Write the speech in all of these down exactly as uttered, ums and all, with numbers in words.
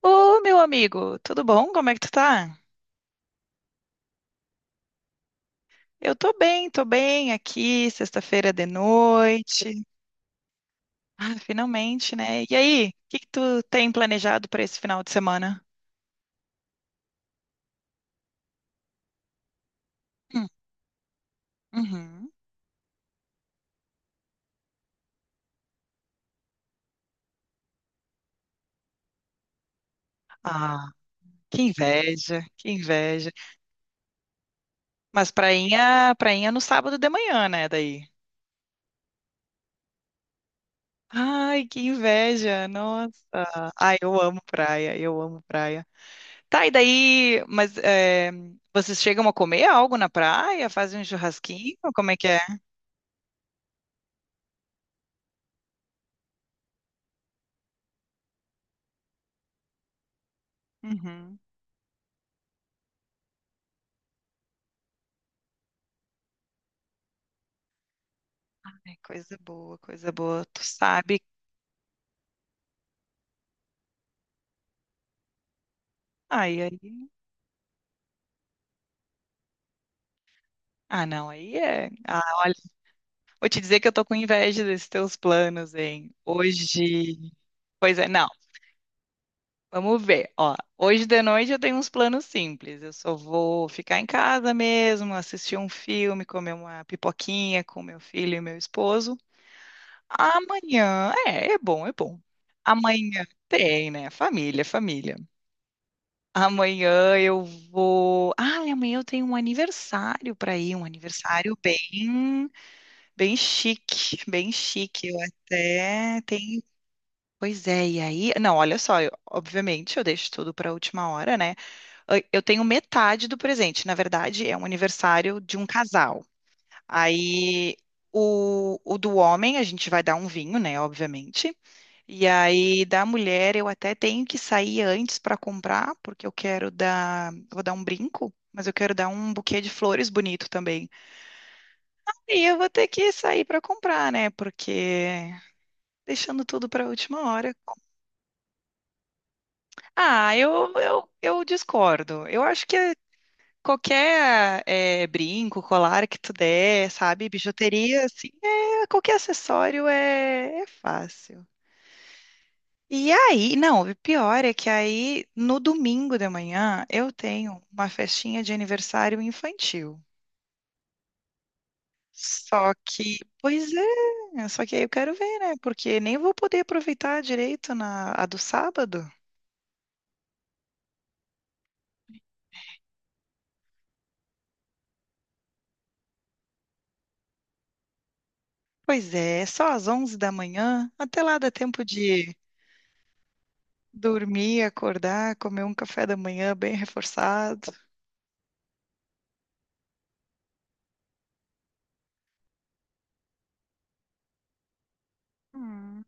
Ô, meu amigo, tudo bom? Como é que tu tá? Eu tô bem, tô bem aqui, sexta-feira de noite. Ah, finalmente, né? E aí, o que que tu tem planejado para esse final de semana? Hum, uhum. Ah, que inveja, que inveja. Mas prainha, prainha no sábado de manhã, né, daí? Ai, que inveja, nossa. Ai, eu amo praia, eu amo praia. Tá, e daí, mas é, vocês chegam a comer algo na praia? Fazem um churrasquinho? Como é que é? Uhum. Ai, coisa boa, coisa boa. Tu sabe. Ai, aí. Ah, não, aí é. Ah, olha, vou te dizer que eu tô com inveja desses teus planos, hein? Hoje. Pois é, não. Vamos ver. Ó, hoje de noite eu tenho uns planos simples. Eu só vou ficar em casa mesmo, assistir um filme, comer uma pipoquinha com meu filho e meu esposo. Amanhã. É, é bom, é bom. Amanhã tem, né? Família, família. Amanhã eu vou. Ah, amanhã eu tenho um aniversário para ir, um aniversário bem, bem chique, bem chique. Eu até tenho. Pois é, e aí? Não, olha só, eu- obviamente eu deixo tudo para a última hora, né? Eu eu tenho metade do presente. Na verdade, é um aniversário de um casal. Aí o, o do homem, a gente vai dar um vinho, né? Obviamente. E aí, da mulher, eu até tenho que sair antes para comprar, porque eu quero dar, vou dar um brinco, mas eu quero dar um buquê de flores bonito também. E eu vou ter que sair para comprar, né? Porque deixando tudo para a última hora. Ah, eu, eu, eu discordo. Eu acho que qualquer eh, brinco, colar que tu der, sabe? Bijuteria, assim, é, qualquer acessório é, é fácil. E aí, não, o pior é que aí no domingo de manhã eu tenho uma festinha de aniversário infantil. Só que, pois é, só que aí eu quero ver, né? Porque nem vou poder aproveitar direito na a do sábado. Pois é, só às onze da manhã. Até lá dá tempo de dormir, acordar, comer um café da manhã bem reforçado. Hum.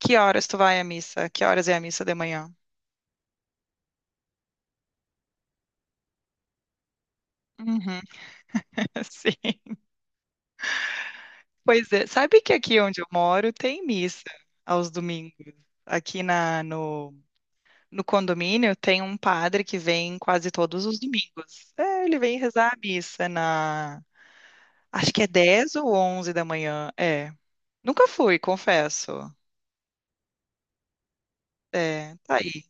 Que horas tu vai à missa? Que horas é a missa de manhã? Uhum, sim. Pois é, sabe que aqui onde eu moro tem missa aos domingos. Aqui na, no, no condomínio tem um padre que vem quase todos os domingos. É, ele vem rezar a missa na, acho que é dez ou onze da manhã. É, nunca fui, confesso. É, tá aí.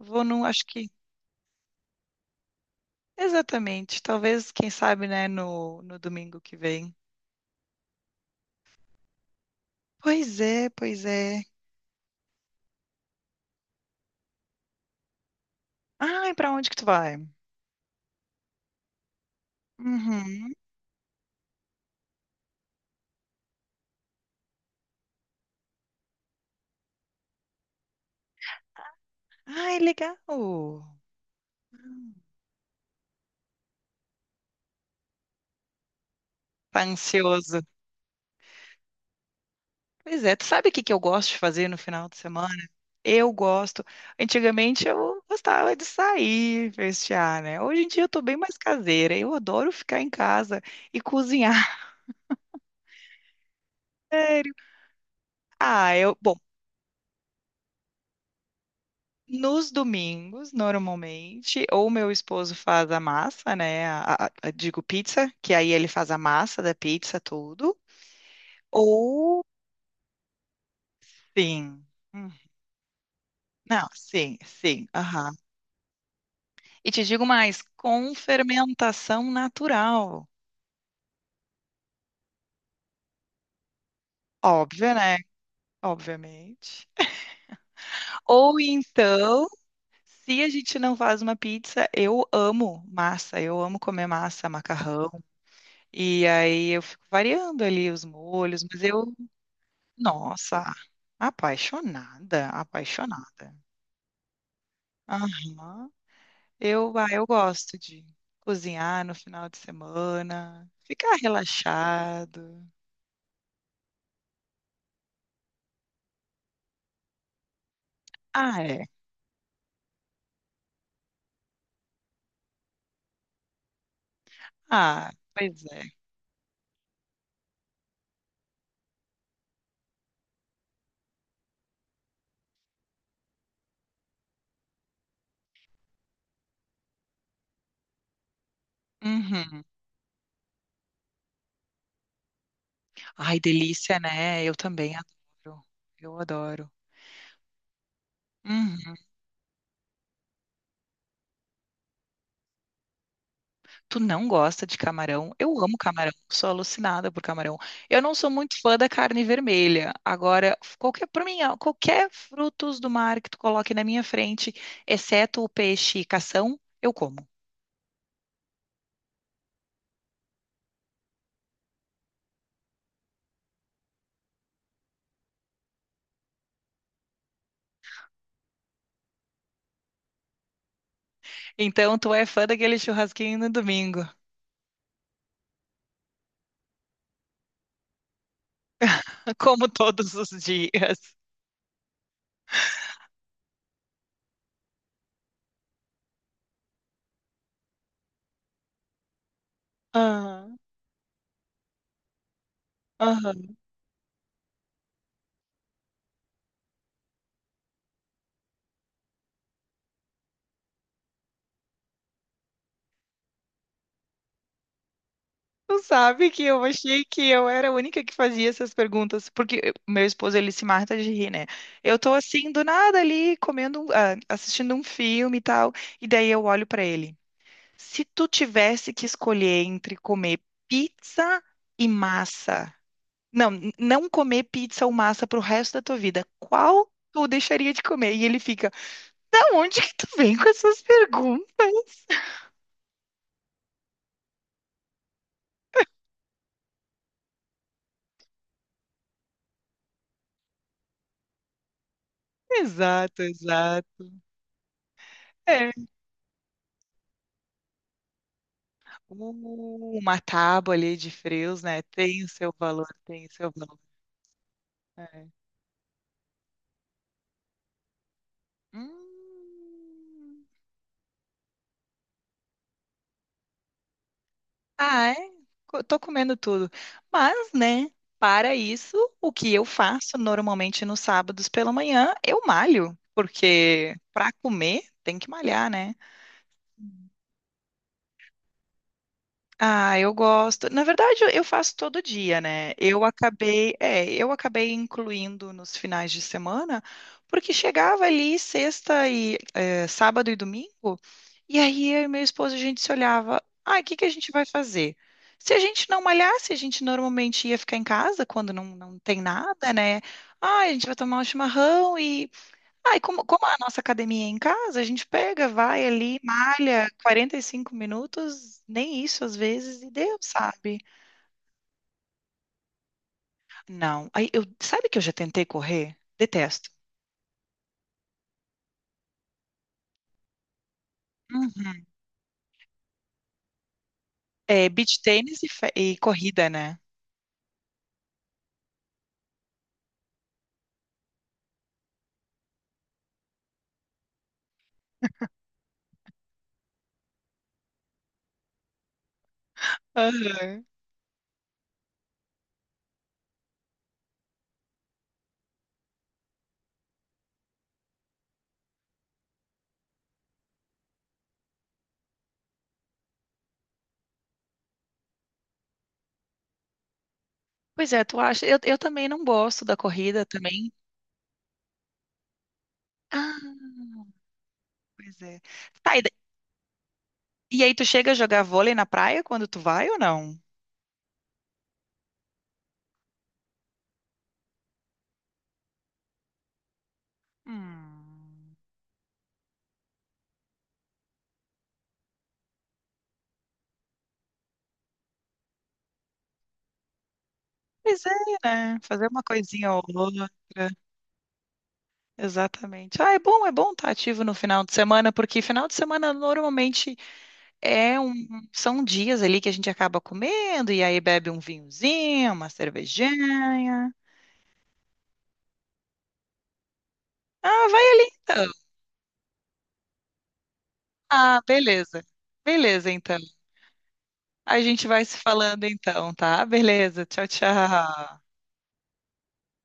Vou num, acho que, exatamente, talvez, quem sabe, né, no, no domingo que vem. Pois é, pois é. Ai, pra onde que tu vai? Uhum. Ai, legal. Tá ansioso. Pois é, tu sabe o que que eu gosto de fazer no final de semana? Eu gosto. Antigamente eu gostava de sair, festear, né? Hoje em dia eu tô bem mais caseira. Eu adoro ficar em casa e cozinhar. Sério. Ah, eu, bom, nos domingos, normalmente, ou meu esposo faz a massa, né? a- a- a- digo pizza, que aí ele faz a massa da pizza, tudo. Ou sim. Hum, Não, sim, sim, aham. E te digo mais, com fermentação natural. Óbvio, né? Obviamente. Ou então, se a gente não faz uma pizza, eu amo massa, eu amo comer massa, macarrão. E aí eu fico variando ali os molhos, mas eu, nossa, apaixonada, apaixonada. Aham. Eu, ah, eu gosto de cozinhar no final de semana, ficar relaxado. Ah, é. Ah, pois é. Uhum. Ai, delícia, né? Eu também adoro. Eu adoro. Uhum. Tu não gosta de camarão? Eu amo camarão, sou alucinada por camarão. Eu não sou muito fã da carne vermelha. Agora, qualquer, para mim, ó, qualquer frutos do mar que tu coloque na minha frente, exceto o peixe e cação, eu como. Então, tu é fã daquele churrasquinho no domingo, como todos os dias. Ah, aham. Tu sabe que eu achei que eu era a única que fazia essas perguntas, porque eu- meu esposo, ele se mata de rir, né? Eu tô assim, do nada ali, comendo, um- ah, assistindo um filme e tal, e daí eu olho pra ele. Se tu tivesse que escolher entre comer pizza e massa, não, n- não comer pizza ou massa pro resto da tua vida, qual tu deixaria de comer? E ele fica, da onde que tu vem com essas perguntas? Exato, exato. É. Uh, uma tábua ali de frios, né? Tem o seu valor, tem o seu valor. É. Hum. Ah, é? Co- Tô comendo tudo. Mas, né, para isso, o que eu faço normalmente nos sábados pela manhã, eu malho, porque para comer tem que malhar, né? Ah, eu gosto. Na verdade, eu eu faço todo dia, né? Eu acabei, é, eu acabei incluindo nos finais de semana, porque chegava ali sexta e é, sábado e domingo, e aí eu e meu esposo a gente se olhava, ah, o que que a gente vai fazer? Se a gente não malhasse, a gente normalmente ia ficar em casa quando não, não tem nada, né? Ah, a gente vai tomar um chimarrão e ah, e como, como a nossa academia é em casa, a gente pega, vai ali, malha quarenta e cinco minutos, nem isso às vezes, e Deus sabe? Não. Aí eu, sabe que eu já tentei correr? Detesto. Uhum. É beach tênis e, fe- e corrida, né? Aham. Pois é, tu acha? Eu, eu também não gosto da corrida também. Ah, pois é. Tá, e, da- e aí tu chega a jogar vôlei na praia quando tu vai ou não? Hum. Pois é, né? Fazer uma coisinha ou outra. Exatamente. Ah, é bom, é bom estar ativo no final de semana, porque final de semana normalmente é um, são dias ali que a gente acaba comendo e aí bebe um vinhozinho, uma cervejinha. Ah, vai ali então. Ah, beleza. Beleza, então. A gente vai se falando então, tá? Beleza. Tchau, tchau.